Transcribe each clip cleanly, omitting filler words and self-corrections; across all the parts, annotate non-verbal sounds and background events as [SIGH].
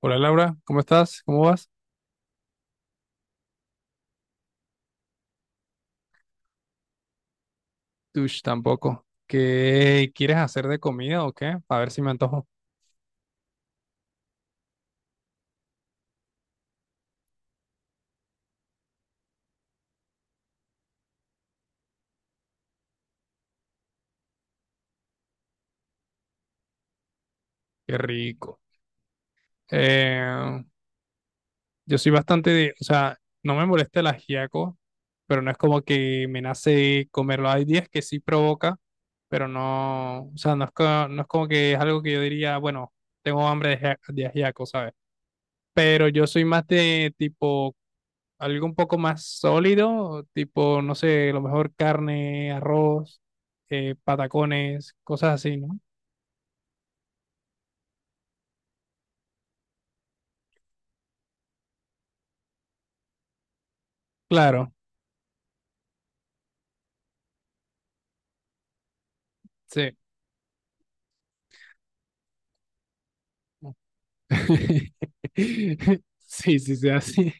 Hola Laura, ¿cómo estás? ¿Cómo vas? Tush, tampoco. ¿Qué quieres hacer de comida o qué? A ver si me antojo. Qué rico. Eh, yo soy bastante de, o sea, no me molesta el ajiaco, pero no es como que me nace comerlo. Hay días que sí provoca, pero no, o sea, no es, no es como que es algo que yo diría, bueno, tengo hambre de, de ajiaco, ¿sabes? Pero yo soy más de tipo algo un poco más sólido, tipo, no sé, a lo mejor carne, arroz, patacones, cosas así, ¿no? Claro, sí. [LAUGHS] Sí, sí, sí, así.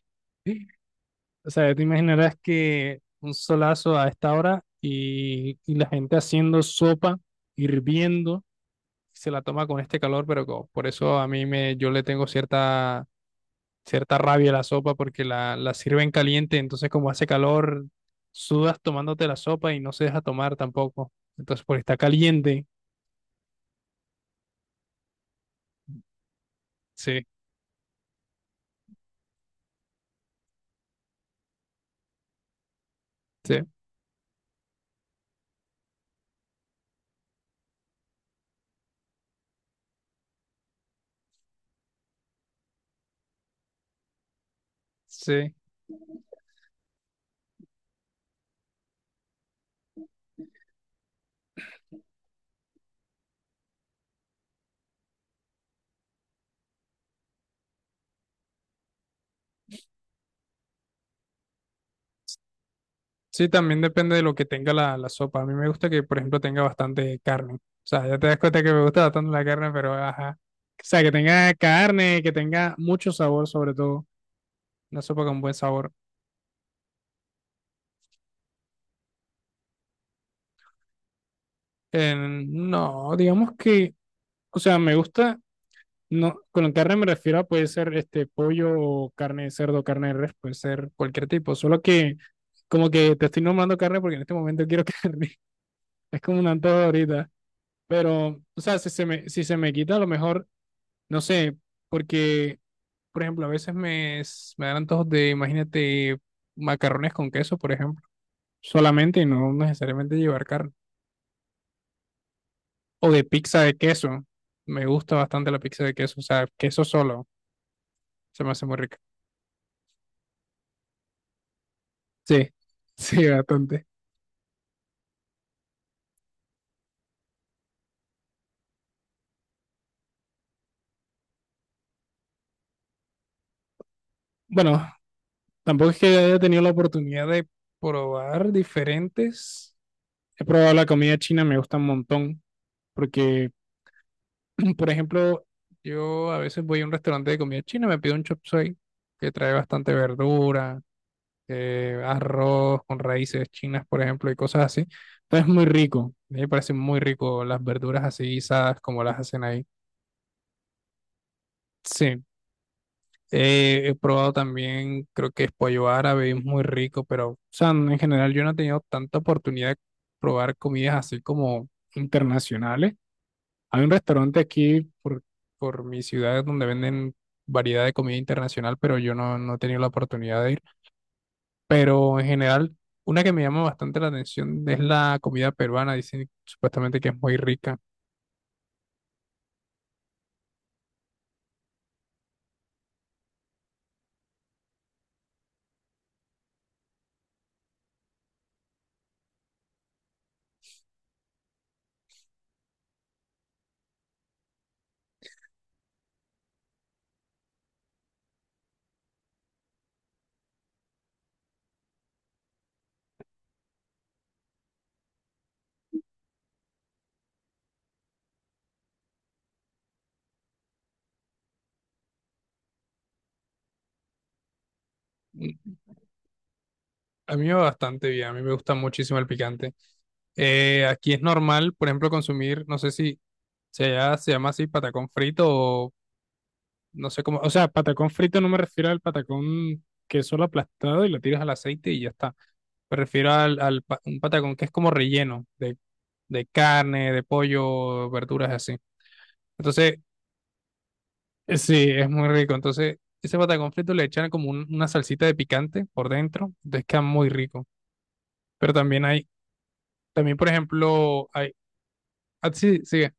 O sea, te imaginarás que un solazo a esta hora y, la gente haciendo sopa, hirviendo, se la toma con este calor, pero por eso a yo le tengo cierta rabia la sopa porque la sirven caliente, entonces como hace calor, sudas tomándote la sopa y no se deja tomar tampoco. Entonces, porque está caliente, sí, sí, sí. Sí, también depende de lo que tenga la sopa. A mí me gusta que, por ejemplo, tenga bastante carne. O sea, ya te das cuenta que me gusta bastante la carne, pero ajá. O sea, que tenga carne, que tenga mucho sabor, sobre todo. Una sopa con buen sabor. No, digamos que, o sea, me gusta. No, con carne me refiero a puede ser este pollo o carne de cerdo, carne de res, puede ser cualquier tipo. Solo que como que te estoy nombrando carne porque en este momento quiero [LAUGHS] carne. Es como un antojo ahorita. Pero, o sea, si se me quita, a lo mejor, no sé, porque, por ejemplo, a veces me dan antojos de, imagínate, macarrones con queso, por ejemplo, solamente y no necesariamente llevar carne. O de pizza de queso. Me gusta bastante la pizza de queso, o sea, queso solo. Se me hace muy rica. Sí, [LAUGHS] sí, bastante. Bueno, tampoco es que haya tenido la oportunidad de probar diferentes. He probado la comida china, me gusta un montón, porque, [CLEARS THROAT] por ejemplo, yo a veces voy a un restaurante de comida china, me pido un chop suey, que trae bastante verdura, arroz con raíces chinas, por ejemplo, y cosas así. Entonces es muy rico, a mí me parece muy rico las verduras así guisadas como las hacen ahí. Sí. He probado también, creo que es pollo árabe, es muy rico, pero, o sea, en general yo no he tenido tanta oportunidad de probar comidas así como internacionales. Hay un restaurante aquí por mi ciudad donde venden variedad de comida internacional, pero yo no, no he tenido la oportunidad de ir. Pero en general, una que me llama bastante la atención es la comida peruana, dicen supuestamente que es muy rica. A mí me va bastante bien, a mí me gusta muchísimo el picante. Aquí es normal, por ejemplo, consumir, no sé si se llama así patacón frito o no sé cómo, o sea, patacón frito no me refiero al patacón que es solo aplastado y lo tiras al aceite y ya está. Me refiero al un patacón que es como relleno de carne, de pollo, verduras así. Entonces, sí, es muy rico. Entonces, ese patacón frito le echan como una salsita de picante por dentro, entonces queda muy rico. Pero también hay. También, por ejemplo, hay... ah, sí, sigue.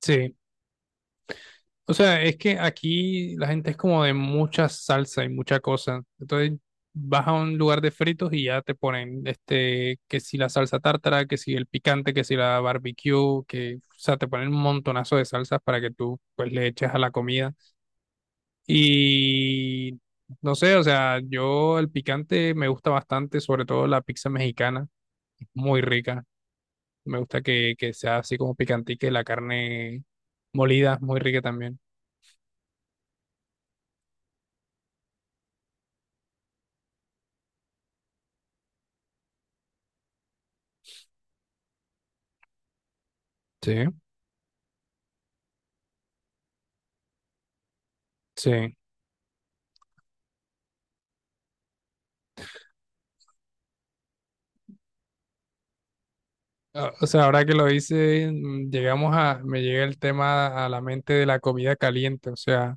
Sí. O sea, es que aquí la gente es como de mucha salsa y mucha cosa. Entonces vas a un lugar de fritos y ya te ponen este, que si la salsa tártara, que si el picante, que si la barbecue, que, o sea, te ponen un montonazo de salsas para que tú pues le eches a la comida. Y no sé, o sea, yo el picante me gusta bastante, sobre todo la pizza mexicana, es muy rica. Me gusta que sea así como picantique, la carne molida, muy rica también. Sí, sí. Ah, o sea, ahora que lo hice, llegamos a, me llega el tema a la mente de la comida caliente. O sea,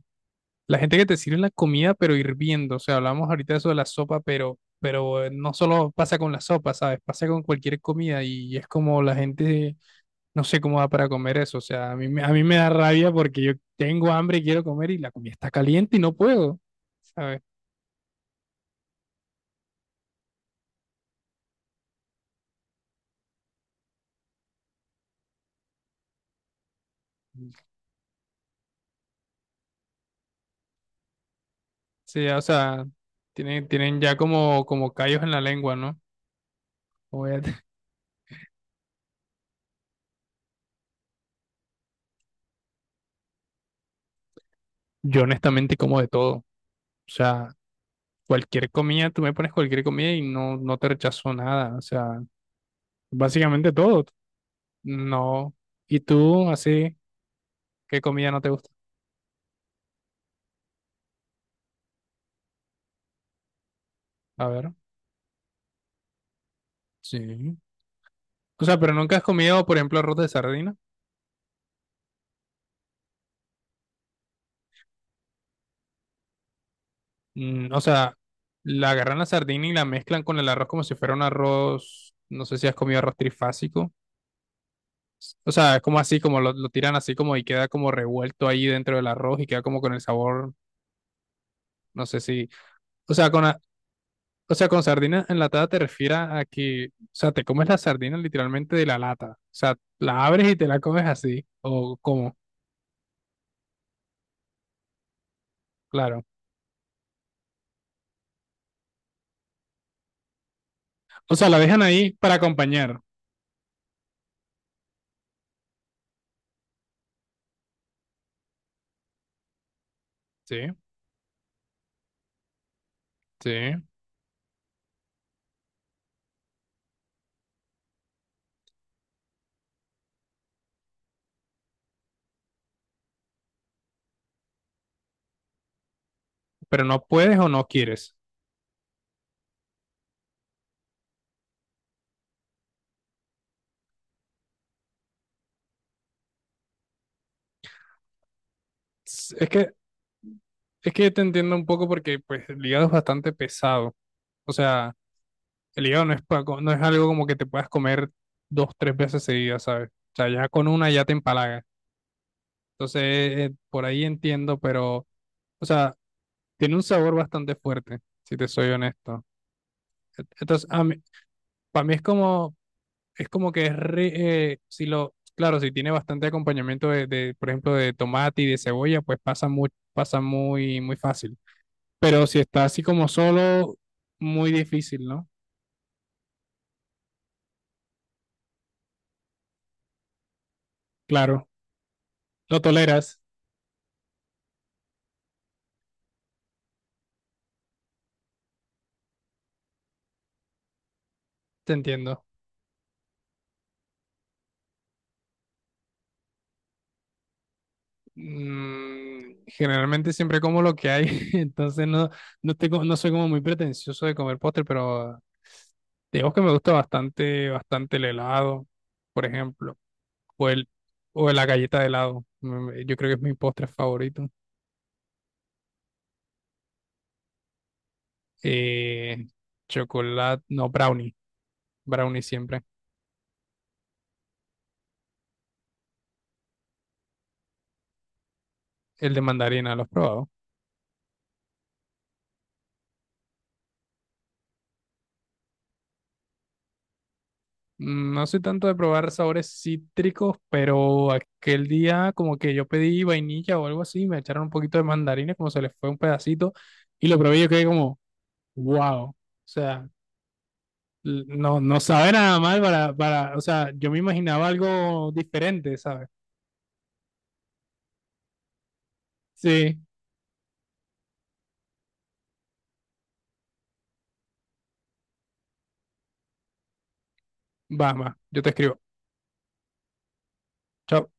la gente que te sirve la comida, pero hirviendo. O sea, hablamos ahorita de eso de la sopa, pero, pero no solo pasa con la sopa, ¿sabes? Pasa con cualquier comida y es como la gente, no sé cómo va para comer eso. O sea, a mí, a mí me da rabia porque yo tengo hambre y quiero comer y la comida está caliente y no puedo, ¿sabes? Sí, o sea, tienen ya como, como callos en la lengua, ¿no? Como ya [LAUGHS] yo honestamente como de todo. O sea, cualquier comida, tú me pones cualquier comida y no, no te rechazo nada. O sea, básicamente todo. No. ¿Y tú, así, qué comida no te gusta? A ver. Sí. O sea, pero nunca has comido, por ejemplo, arroz de sardina. O sea, la agarran la sardina y la mezclan con el arroz como si fuera un arroz. No sé si has comido arroz trifásico. O sea, es como así, como lo tiran así como y queda como revuelto ahí dentro del arroz y queda como con el sabor, no sé si, o sea, con, o sea, con sardina enlatada te refieres a que, o sea, te comes la sardina literalmente de la lata, o sea, la abres y te la comes así, o como, claro. O sea, la dejan ahí para acompañar, sí, sí, pero no puedes o no quieres. Es es que, es que te entiendo un poco porque pues el hígado es bastante pesado, o sea... El hígado no es, no es algo como que te puedas comer dos, tres veces seguidas, ¿sabes? O sea, ya con una ya te empalaga. Entonces, por ahí entiendo, pero, o sea, tiene un sabor bastante fuerte, si te soy honesto. Entonces, a mí, para mí es como que si lo, claro, si tiene bastante acompañamiento de, por ejemplo, de tomate y de cebolla, pues pasa muy, muy fácil. Pero si está así como solo, muy difícil, ¿no? Claro, lo toleras, te entiendo. Generalmente siempre como lo que hay, [LAUGHS] entonces no, no tengo, no soy como muy pretencioso de comer postre, pero digamos que me gusta bastante, bastante el helado, por ejemplo, o el, o la galleta de helado. Yo creo que es mi postre favorito. Eh, chocolate, no, brownie, brownie siempre. El de mandarina, ¿lo has probado? No soy tanto de probar sabores cítricos, pero aquel día como que yo pedí vainilla o algo así, me echaron un poquito de mandarina, como se les fue un pedacito, y lo probé y yo quedé como, wow, o sea, no, no sabe nada mal para, o sea, yo me imaginaba algo diferente, ¿sabes? Sí, va, va, yo te escribo. Chao.